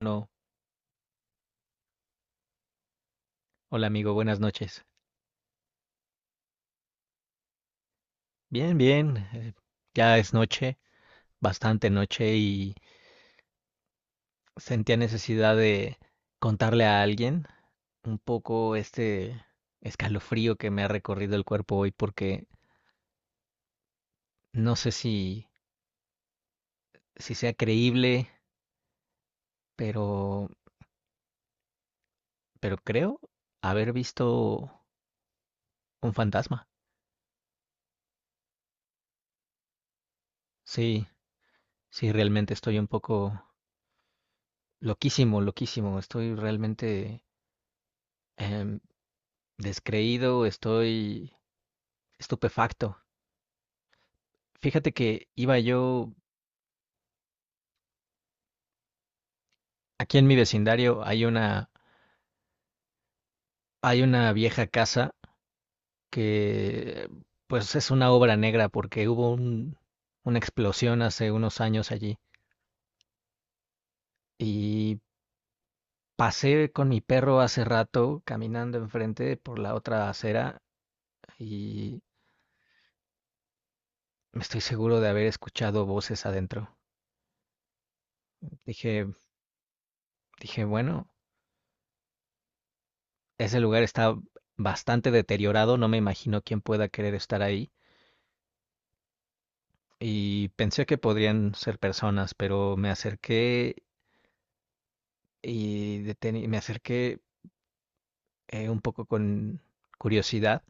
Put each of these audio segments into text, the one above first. Bueno, hola amigo, buenas noches. Bien, bien, ya es noche, bastante noche y sentía necesidad de contarle a alguien un poco este escalofrío que me ha recorrido el cuerpo hoy porque no sé si sea creíble, pero, pero creo haber visto un fantasma. Sí, sí, realmente estoy un poco loquísimo, loquísimo, estoy realmente em, descreído, estoy estupefacto. Fíjate que iba yo, aquí en mi vecindario hay hay una vieja casa que pues es una obra negra porque hubo una explosión hace unos años allí y pasé con mi perro hace rato caminando enfrente por la otra acera y me estoy seguro de haber escuchado voces adentro. Dije, dije, bueno, ese lugar está bastante deteriorado, no me imagino quién pueda querer estar ahí y pensé que podrían ser personas, pero me acerqué y me acerqué un poco con curiosidad.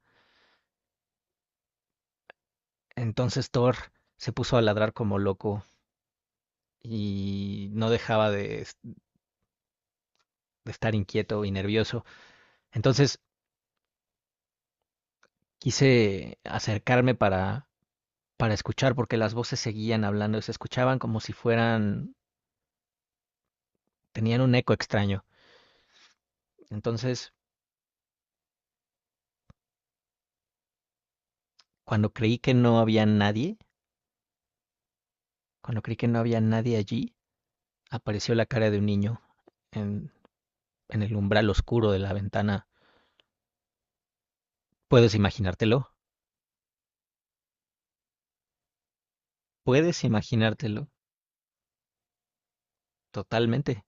Entonces Thor se puso a ladrar como loco y no dejaba de estar inquieto y nervioso. Entonces quise acercarme para escuchar porque las voces seguían hablando, se escuchaban como si fueran, tenían un eco extraño. Entonces, cuando creí que no había nadie, cuando creí que no había nadie allí, apareció la cara de un niño en, en el umbral oscuro de la ventana. ¿Puedes imaginártelo? ¿Puedes imaginártelo? Totalmente,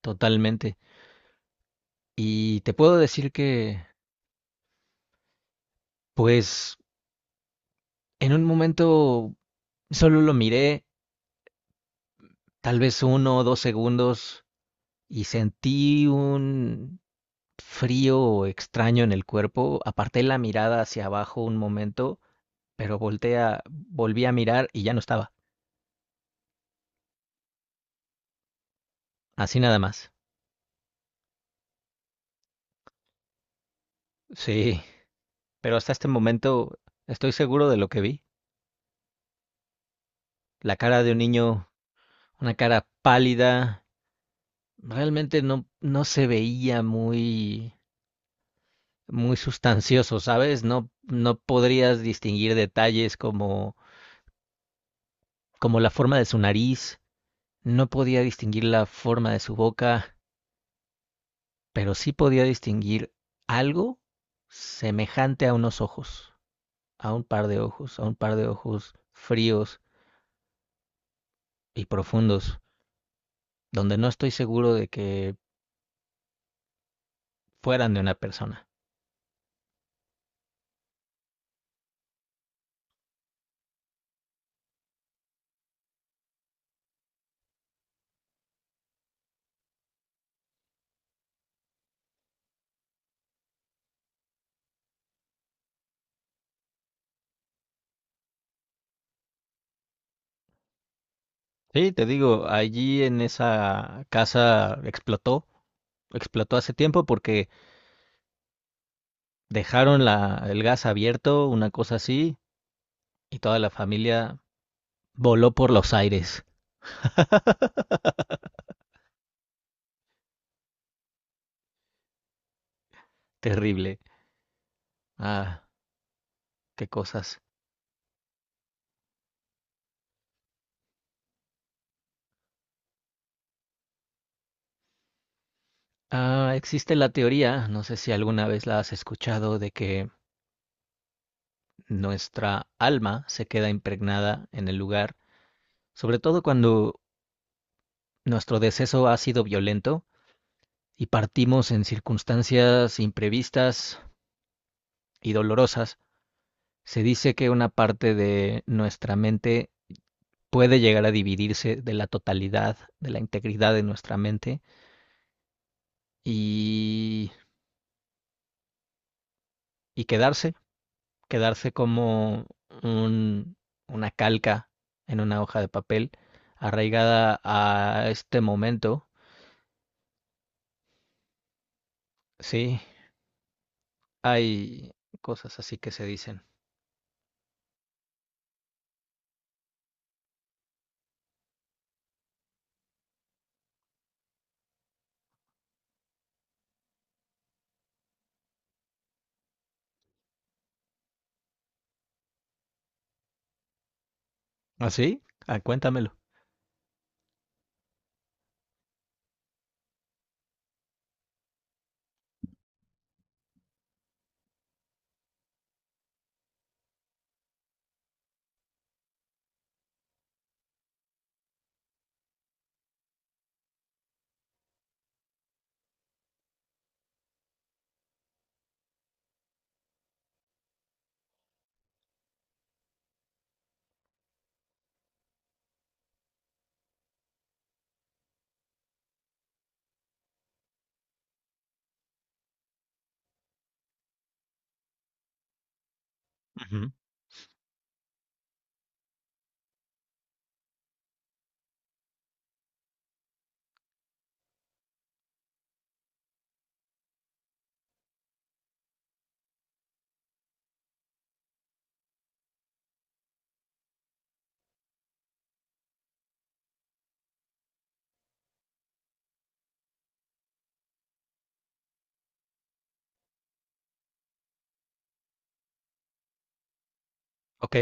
totalmente. Y te puedo decir pues, en un momento solo lo miré, tal vez uno o dos segundos, y sentí un frío extraño en el cuerpo. Aparté la mirada hacia abajo un momento, pero volví a mirar y ya no estaba. Así nada más. Sí. Pero hasta este momento estoy seguro de lo que vi. La cara de un niño, una cara pálida, realmente no se veía muy, muy sustancioso, ¿sabes? No, no podrías distinguir detalles como la forma de su nariz, no podía distinguir la forma de su boca, pero sí podía distinguir algo semejante a unos ojos, a un par de ojos, a un par de ojos fríos y profundos, donde no estoy seguro de que fueran de una persona. Sí, te digo, allí en esa casa explotó hace tiempo porque dejaron el gas abierto, una cosa así, y toda la familia voló por los aires. Terrible. Ah, qué cosas. Ah, existe la teoría, no sé si alguna vez la has escuchado, de que nuestra alma se queda impregnada en el lugar, sobre todo cuando nuestro deceso ha sido violento, y partimos en circunstancias imprevistas y dolorosas, se dice que una parte de nuestra mente puede llegar a dividirse de la totalidad, de la integridad de nuestra mente y, y quedarse, quedarse como un, una calca en una hoja de papel arraigada a este momento. Sí, hay cosas así que se dicen. ¿Así? ¿Ah, sí? Ah, cuéntamelo. Ujú. Ok.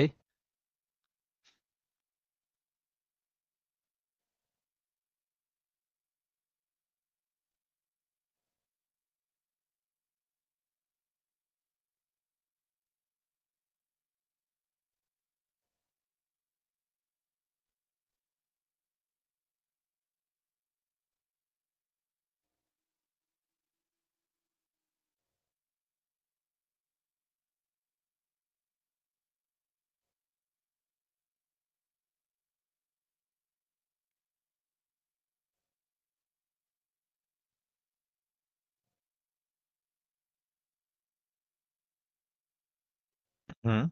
Ujú.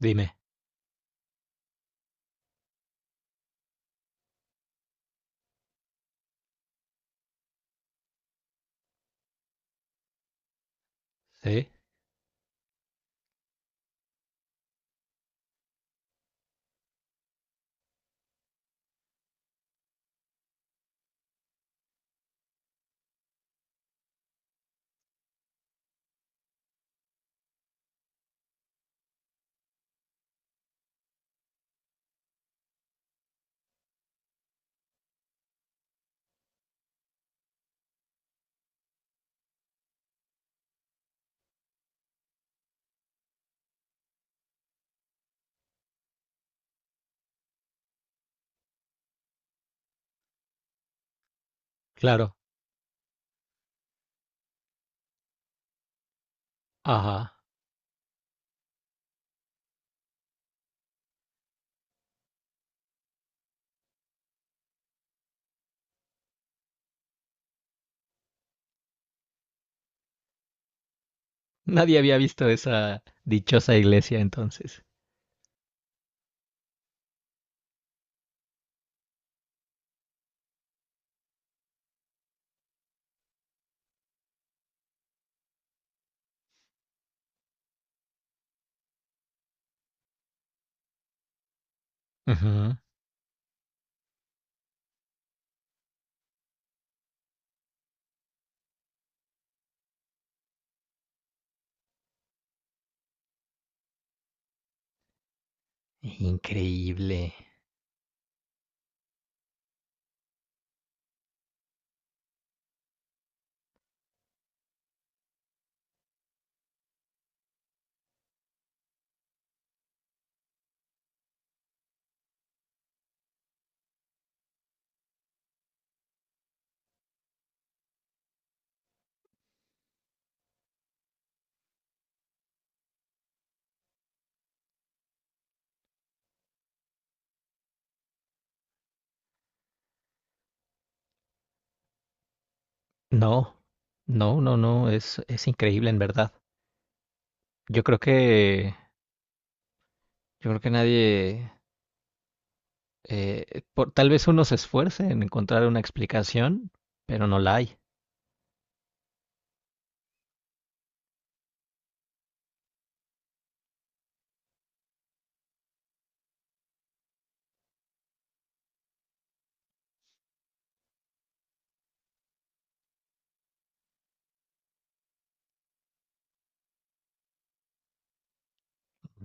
Dime. Sí. Claro, ajá. Nadie había visto esa dichosa iglesia entonces. Ujú. Increíble. No, no, no, no, es increíble en verdad. Yo creo yo creo que nadie, tal vez uno se esfuerce en encontrar una explicación, pero no la hay.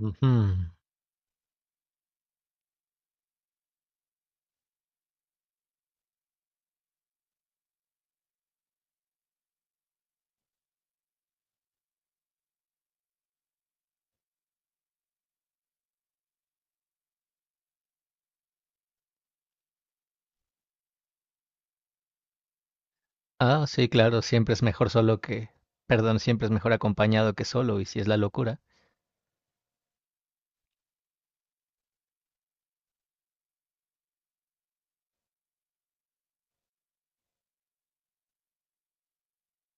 Ujú. Ah, sí, claro, siempre es mejor solo que, perdón, siempre es mejor acompañado que solo, y si es la locura.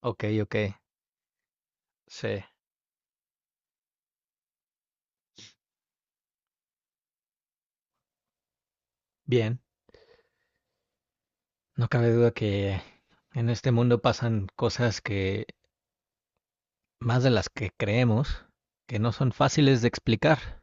Ok, ok, sí, bien. No cabe duda que en este mundo pasan cosas que más de las que creemos, que no son fáciles de explicar.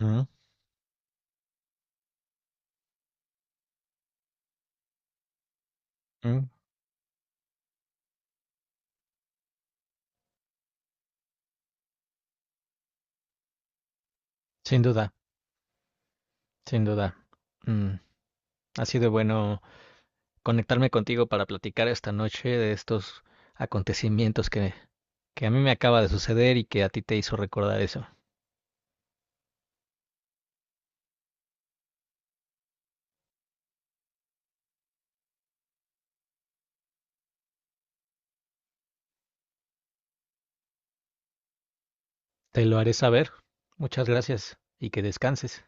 Ujú, ujú. Sin duda, sin duda. Mm, ha sido bueno conectarme contigo para platicar esta noche de estos acontecimientos que a mí me acaba de suceder y que a ti te hizo recordar eso. Te lo haré saber. Muchas gracias y que descanses.